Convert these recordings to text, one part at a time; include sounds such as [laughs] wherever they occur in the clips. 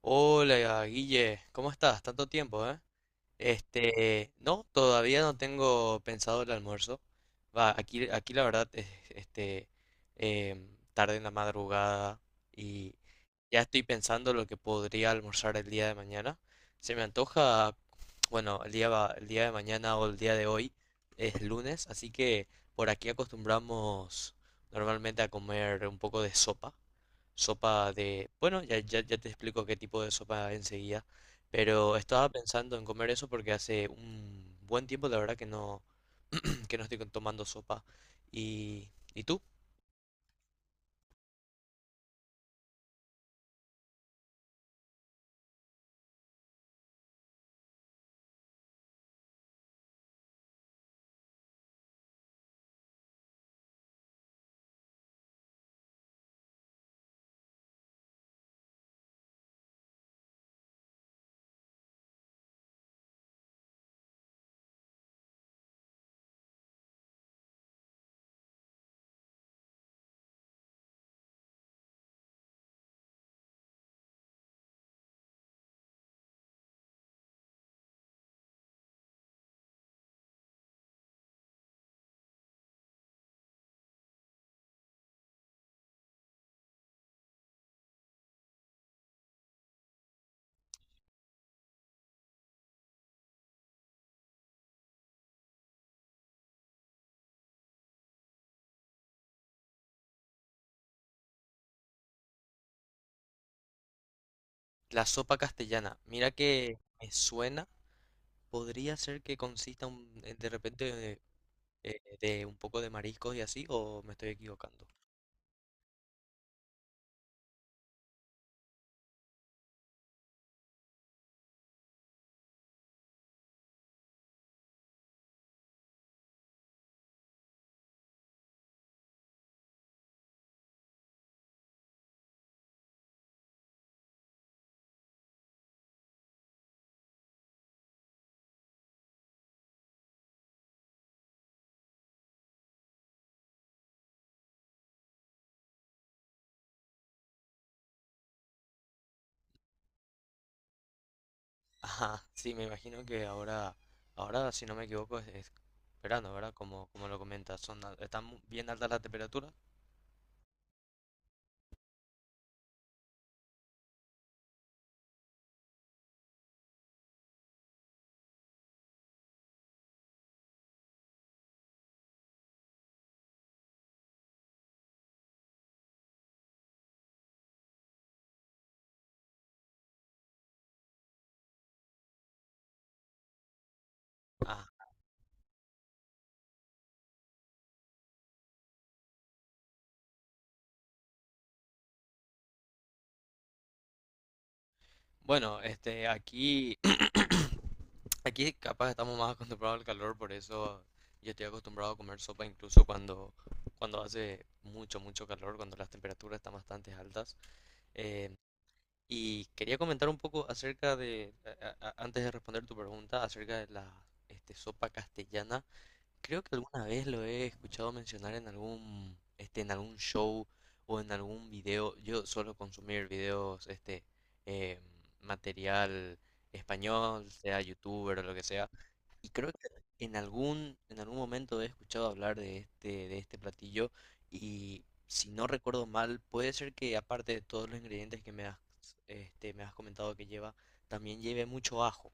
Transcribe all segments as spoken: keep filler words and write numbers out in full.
Hola, Guille, ¿cómo estás? Tanto tiempo, ¿eh? Este, no, todavía no tengo pensado el almuerzo. Va, aquí, aquí la verdad es, este, em, tarde en la madrugada y ya estoy pensando lo que podría almorzar el día de mañana. Se me antoja, bueno, el día, va- el día de mañana o el día de hoy es lunes, así que por aquí acostumbramos normalmente a comer un poco de sopa. Sopa de... Bueno, ya, ya, ya te explico qué tipo de sopa enseguida, pero estaba pensando en comer eso porque hace un buen tiempo, la verdad, que no, [clears throat] que no estoy con- tomando sopa. ¿Y, ¿y tú? La sopa castellana. Mira que me suena, podría ser que consista un- eh, de repente eh, de un poco de mariscos y así, o me estoy equivocando. [laughs] Ajá, sí, me imagino que ahora, ahora, si no me equivoco, es, es verano, ¿verdad? Como, como lo comentas, son, al- están mu- bien altas las temperaturas. Ajá. Bueno, este, aquí, [clears throat] aquí capaz estamos más acostumbrados al calor, por eso yo estoy acostumbrado a comer sopa incluso cuando, cuando hace mucho, mucho calor, cuando las temperaturas están bastante altas. Eh, y quería comentar un poco acerca de, a- a- antes de responder tu pregunta, acerca de la, este, sopa castellana. Creo que alguna vez lo he escuchado mencionar en algún, este, en algún show o en algún video. Yo suelo consumir videos, este, eh, material español, sea youtuber o lo que sea. Y creo que en algún, en algún momento he escuchado hablar de este, de este platillo. Y si no recuerdo mal, puede ser que aparte de todos los ingredientes que me has, este, me has comentado que lleva, también lleve mucho ajo.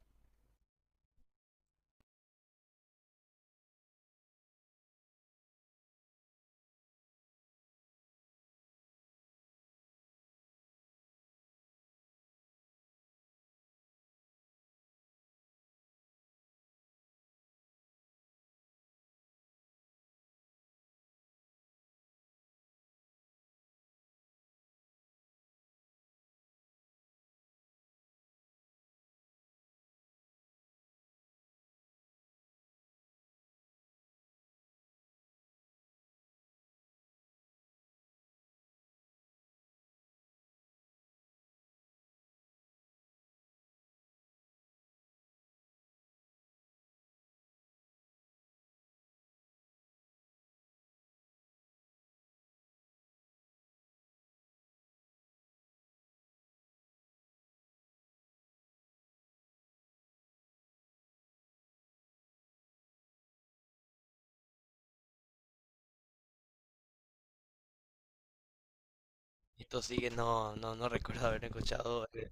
Esto sí que no, no, no recuerdo haber escuchado, eh,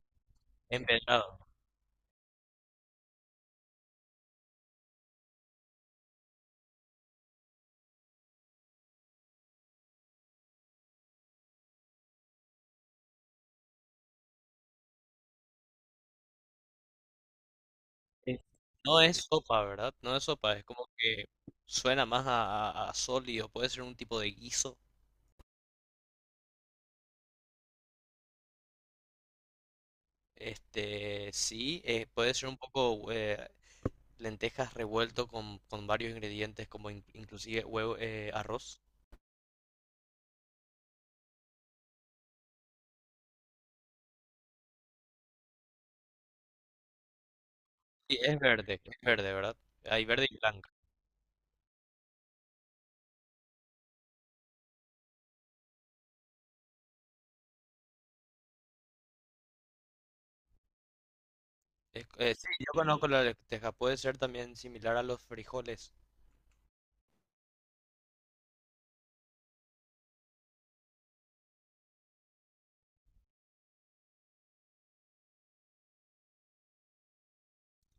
he empezado. Eh, No es sopa, ¿verdad? No es sopa, es como que suena más a, a- a sólido, puede ser un tipo de guiso. Este, sí, eh, puede ser un poco eh, lentejas revuelto con, con varios ingredientes, como in- inclusive huevo, eh, arroz. Sí, es verde, es verde, ¿verdad? Hay verde y blanca. Es- eh, sí, yo conozco la lenteja, puede ser también similar a los frijoles.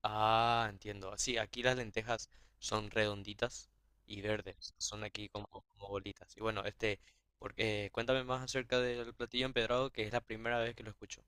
Ah, entiendo. Sí, aquí las lentejas son redonditas y verdes. Son aquí como, como bolitas. Y bueno, este, porque, eh, cuéntame más acerca del platillo empedrado, que es la primera vez que lo escucho.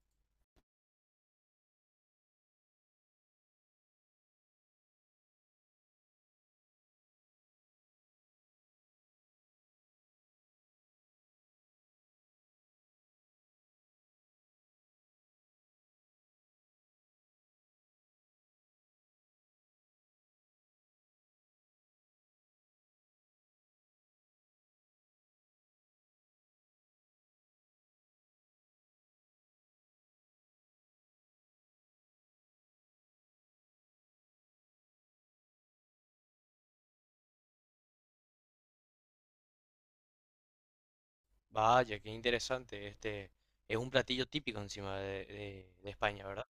Vaya, qué interesante. Este, es un platillo típico encima de, de- de España, ¿verdad?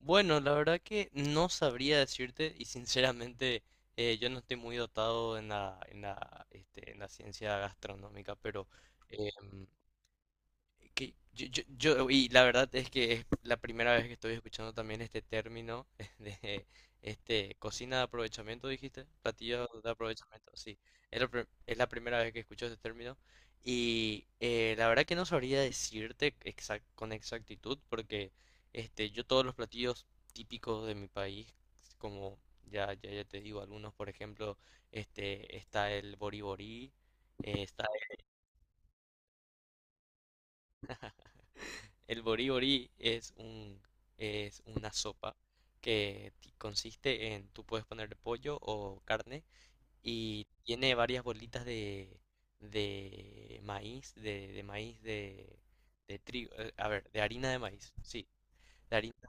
Bueno, la verdad que no sabría decirte y sinceramente eh, yo no estoy muy dotado en la, en la, este, en la ciencia gastronómica, pero... em, que yo, yo, yo- y la verdad es que es la primera vez que estoy escuchando también este término [laughs] de este cocina de aprovechamiento, dijiste, platillo de aprovechamiento, sí, es la, pri- es la primera vez que escucho este término y eh, la verdad que no sabría decirte exact- con exactitud porque este yo todos los platillos típicos de mi país, como ya ya, ya te digo algunos, por ejemplo, este está el boriborí, eh, está El boriborí es un, es una sopa que ti- consiste en, tú puedes ponerle pollo o carne y tiene varias bolitas de, de maíz, de, de maíz de, de trigo, eh, a ver, de harina de maíz, sí, de harina,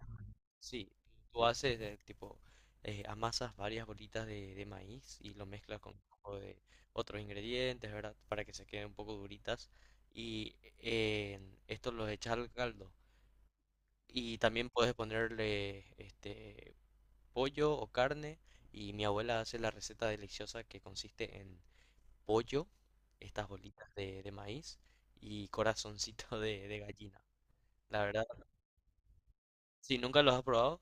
sí. Tú haces de tipo, eh, amasas varias bolitas de, de maíz y lo mezclas con un poco de otros ingredientes, ¿verdad? Para que se queden un poco duritas y eh, esto los echas al caldo. Y también puedes ponerle este pollo o carne. Y mi abuela hace la receta deliciosa que consiste en pollo, estas bolitas de, de maíz y corazoncito [laughs] de, de gallina. La verdad, si nunca los has probado,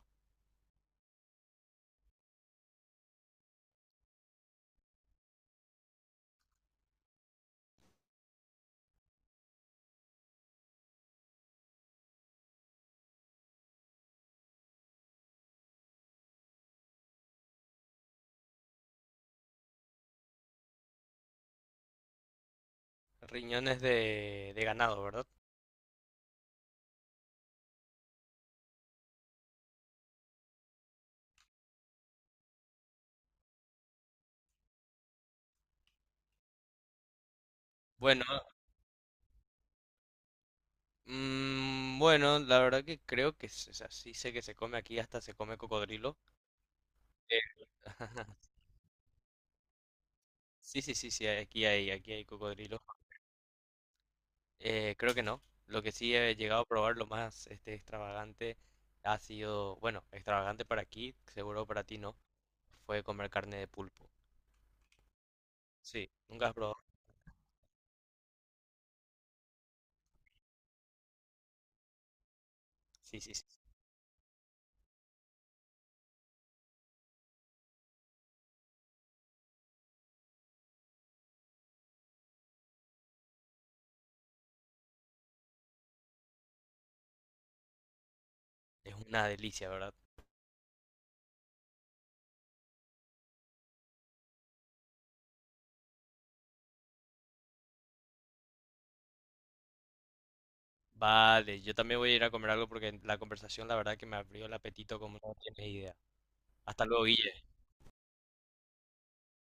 riñones de, de ganado, ¿verdad? Bueno, mm, bueno, la verdad que creo que, s- o sea, sí sé que se come aquí, hasta se come cocodrilo. Eh, [laughs] Sí, sí, sí, sí, aquí hay, aquí hay cocodrilo. Eh, creo que no. Lo que sí he llegado a probar lo más este, extravagante ha sido, bueno, extravagante para aquí, seguro para ti no, fue comer carne de pulpo. Sí, nunca has probado. Sí, sí, sí. Es una delicia, ¿verdad? Vale, yo también voy a ir a comer algo porque la conversación, la verdad, que me abrió el apetito como no tienes idea. Hasta luego, Guille.